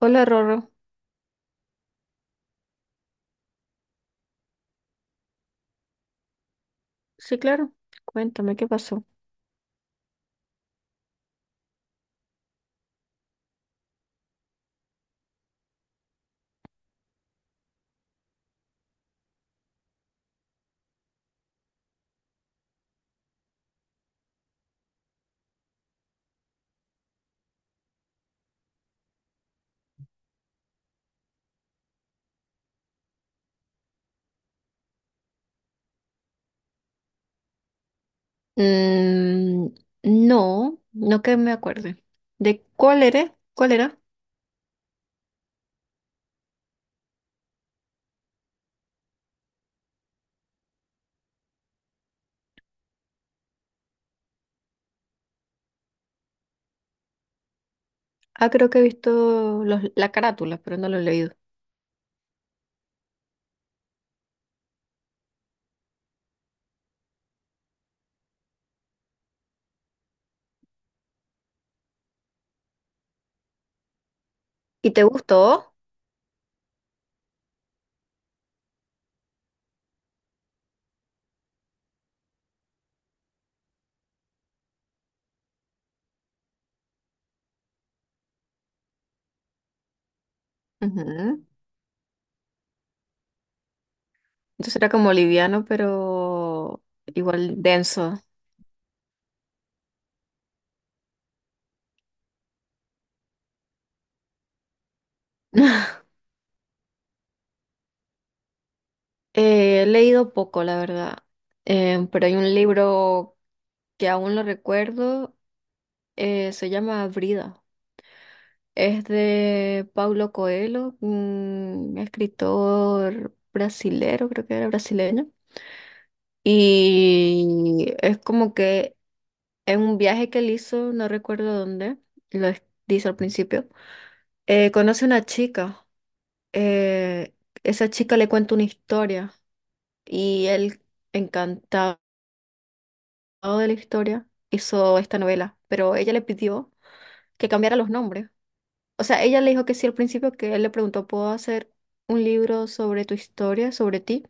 Hola, Rorro. Sí, claro. Cuéntame qué pasó. Mm, no que me acuerde. ¿De cuál era? ¿Cuál era? Ah, creo que he visto la carátula, pero no lo he leído. ¿Y te gustó? Ujú. Entonces era como liviano, pero igual denso. He leído poco, la verdad. Pero hay un libro que aún lo recuerdo. Se llama Brida. Es de Paulo Coelho, un escritor brasilero, creo que era brasileño. Y es como que en un viaje que él hizo, no recuerdo dónde, lo es- dice al principio, conoce una chica. eh, esa chica le cuenta una historia y él, encantado de la historia, hizo esta novela. Pero ella le pidió que cambiara los nombres. O sea, ella le dijo que sí al principio, que él le preguntó, ¿puedo hacer un libro sobre tu historia, sobre ti?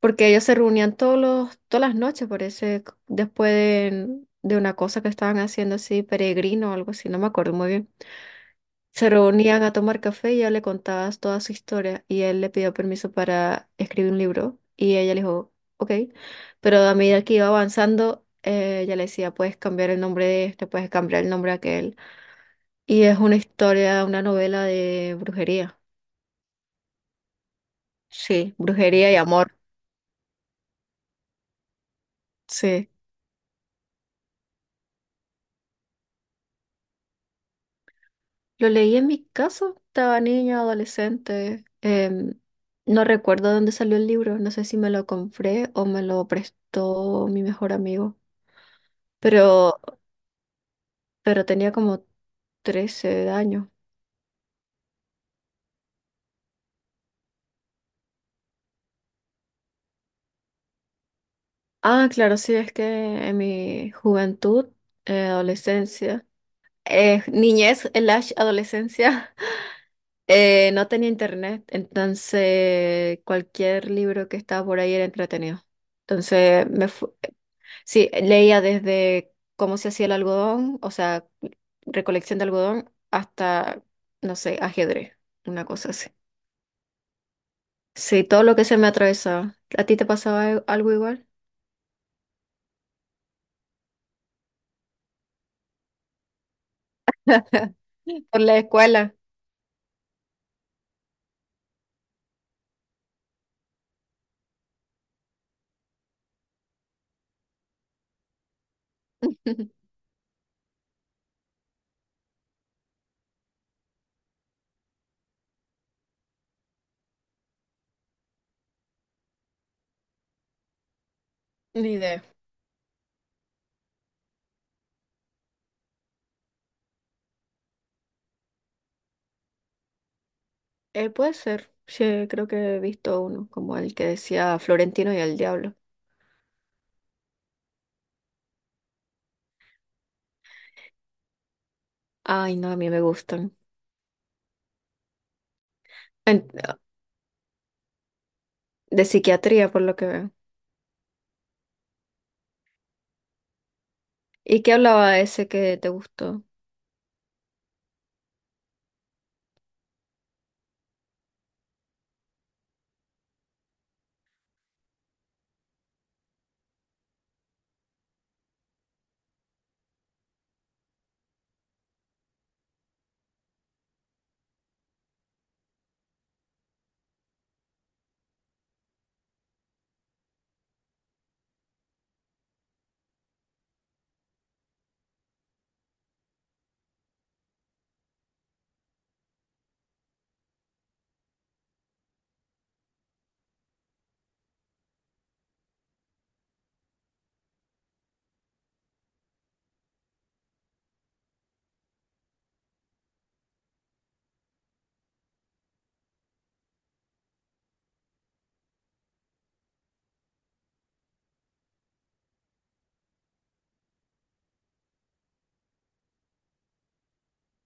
Porque ellos se reunían todas las noches, parece, después de una cosa que estaban haciendo así, peregrino o algo así, no me acuerdo muy bien. Se reunían a tomar café y ella le contaba toda su historia y él le pidió permiso para escribir un libro y ella le dijo, ok, pero a medida que iba avanzando, ella le decía, puedes cambiar el nombre de este, puedes cambiar el nombre de aquel. Y es una historia, una novela de brujería. Sí, brujería y amor. Sí. Lo leí en mi casa, estaba niña, adolescente. No recuerdo dónde salió el libro, no sé si me lo compré o me lo prestó mi mejor amigo, pero, pero tenía como 13 años. Ah, claro, sí, es que en mi juventud, adolescencia, niñez, el adolescencia, No tenía internet, entonces cualquier libro que estaba por ahí era entretenido. Entonces me fu- sí, leía desde cómo se hacía el algodón, o sea, recolección de algodón, hasta, no sé, ajedrez, una cosa así. Sí, todo lo que se me atravesaba. ¿A ti te pasaba algo igual? Por la escuela. Ni idea. Puede ser. Sí, creo que he visto uno, como el que decía Florentino y el Diablo. Ay, no, a mí me gustan. De psiquiatría, por lo que veo. ¿Y qué hablaba ese que te gustó?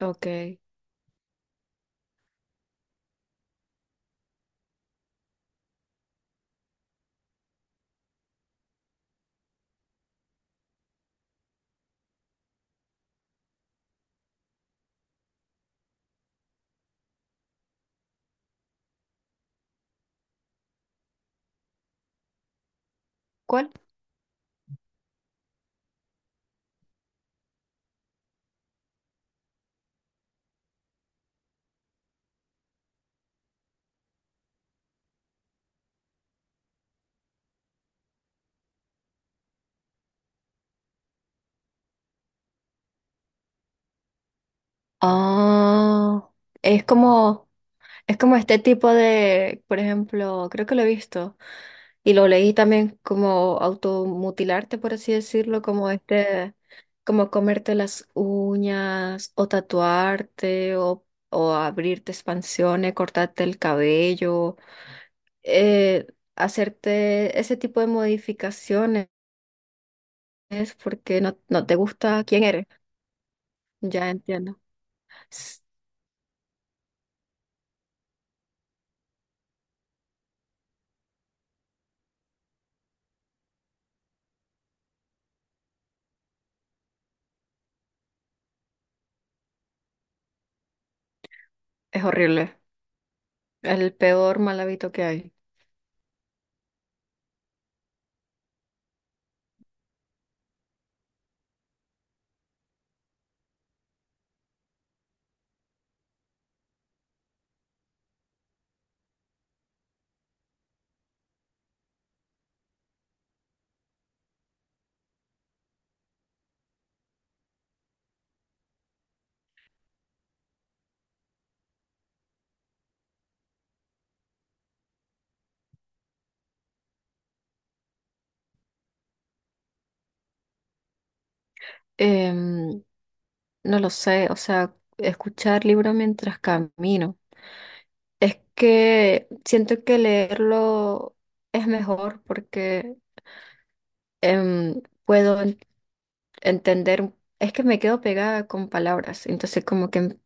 Ok. ¿Cuál? Ah, es como, es como este tipo de, por ejemplo, creo que lo he visto y lo leí también como automutilarte, por así decirlo, como este, como comerte las uñas o tatuarte o abrirte expansiones, cortarte el cabello, eh, hacerte ese tipo de modificaciones. Es porque no te gusta quién eres. Ya entiendo. Es, es horrible. El peor mal hábito que hay. Em, no lo sé. O sea, escuchar libro mientras camino. Es que siento que leerlo es mejor porque puedo entender. Es que me quedo pegada con palabras. Entonces, como que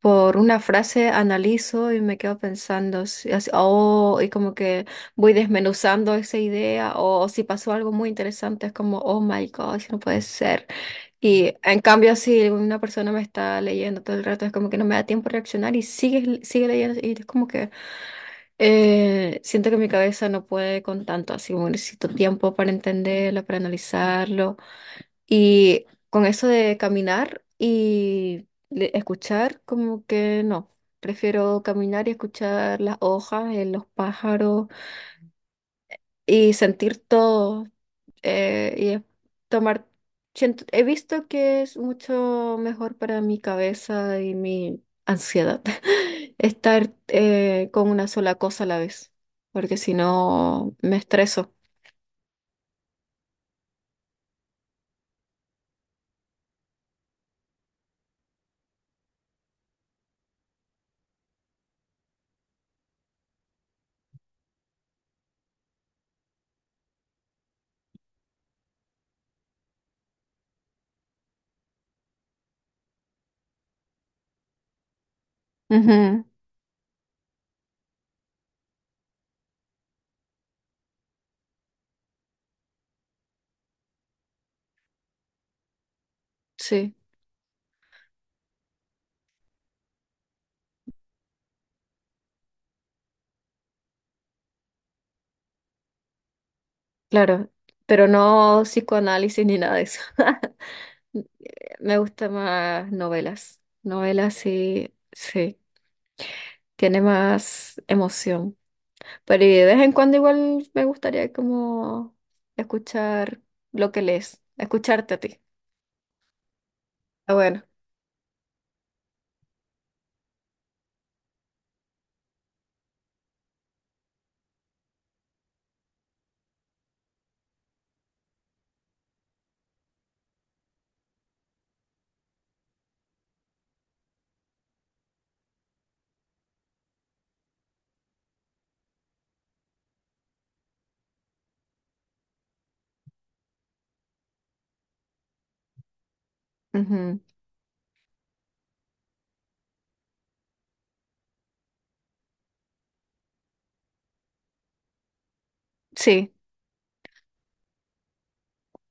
por una frase analizo y me quedo pensando, así, oh, y como que voy desmenuzando esa idea, o si pasó algo muy interesante, es como, oh my gosh, no puede ser. Y en cambio, si una persona me está leyendo todo el rato, es como que no me da tiempo a reaccionar y sigue leyendo, y es como que siento que mi cabeza no puede con tanto, así como necesito tiempo para entenderlo, para analizarlo. Y con eso de caminar y escuchar, como que no. Prefiero caminar y escuchar las hojas, los pájaros y sentir todo. eh, y es- Tomar. He visto que es mucho mejor para mi cabeza y mi ansiedad estar con una sola cosa a la vez, porque si no me estreso. Ujú, sí, claro, pero no psicoanálisis ni nada de eso. Me gustan más novelas. Novelas sí, sí, tiene más emoción. Pero y de vez en cuando igual me gustaría como escuchar lo que lees, escucharte a ti. Ah, bueno. Ujú. Sí,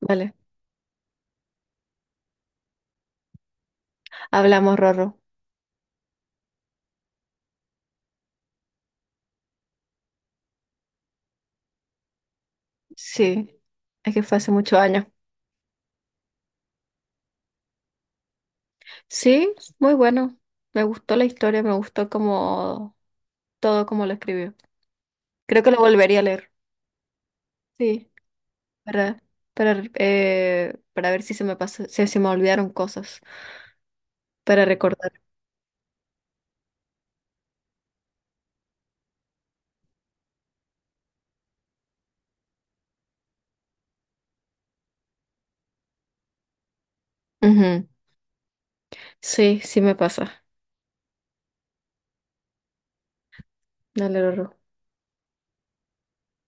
vale. Hablamos, Rorro. Sí, es que fue hace muchos años. Sí, muy bueno. Me gustó la historia, me gustó como todo como lo escribió. Creo que lo volvería a leer. Sí. Para, para ver si se me pasó, si se me olvidaron cosas, para recordar. Ujú. Sí, sí me pasa. Dale, Rorro.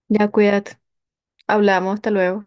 Ya cuídate. Hablamos, hasta luego.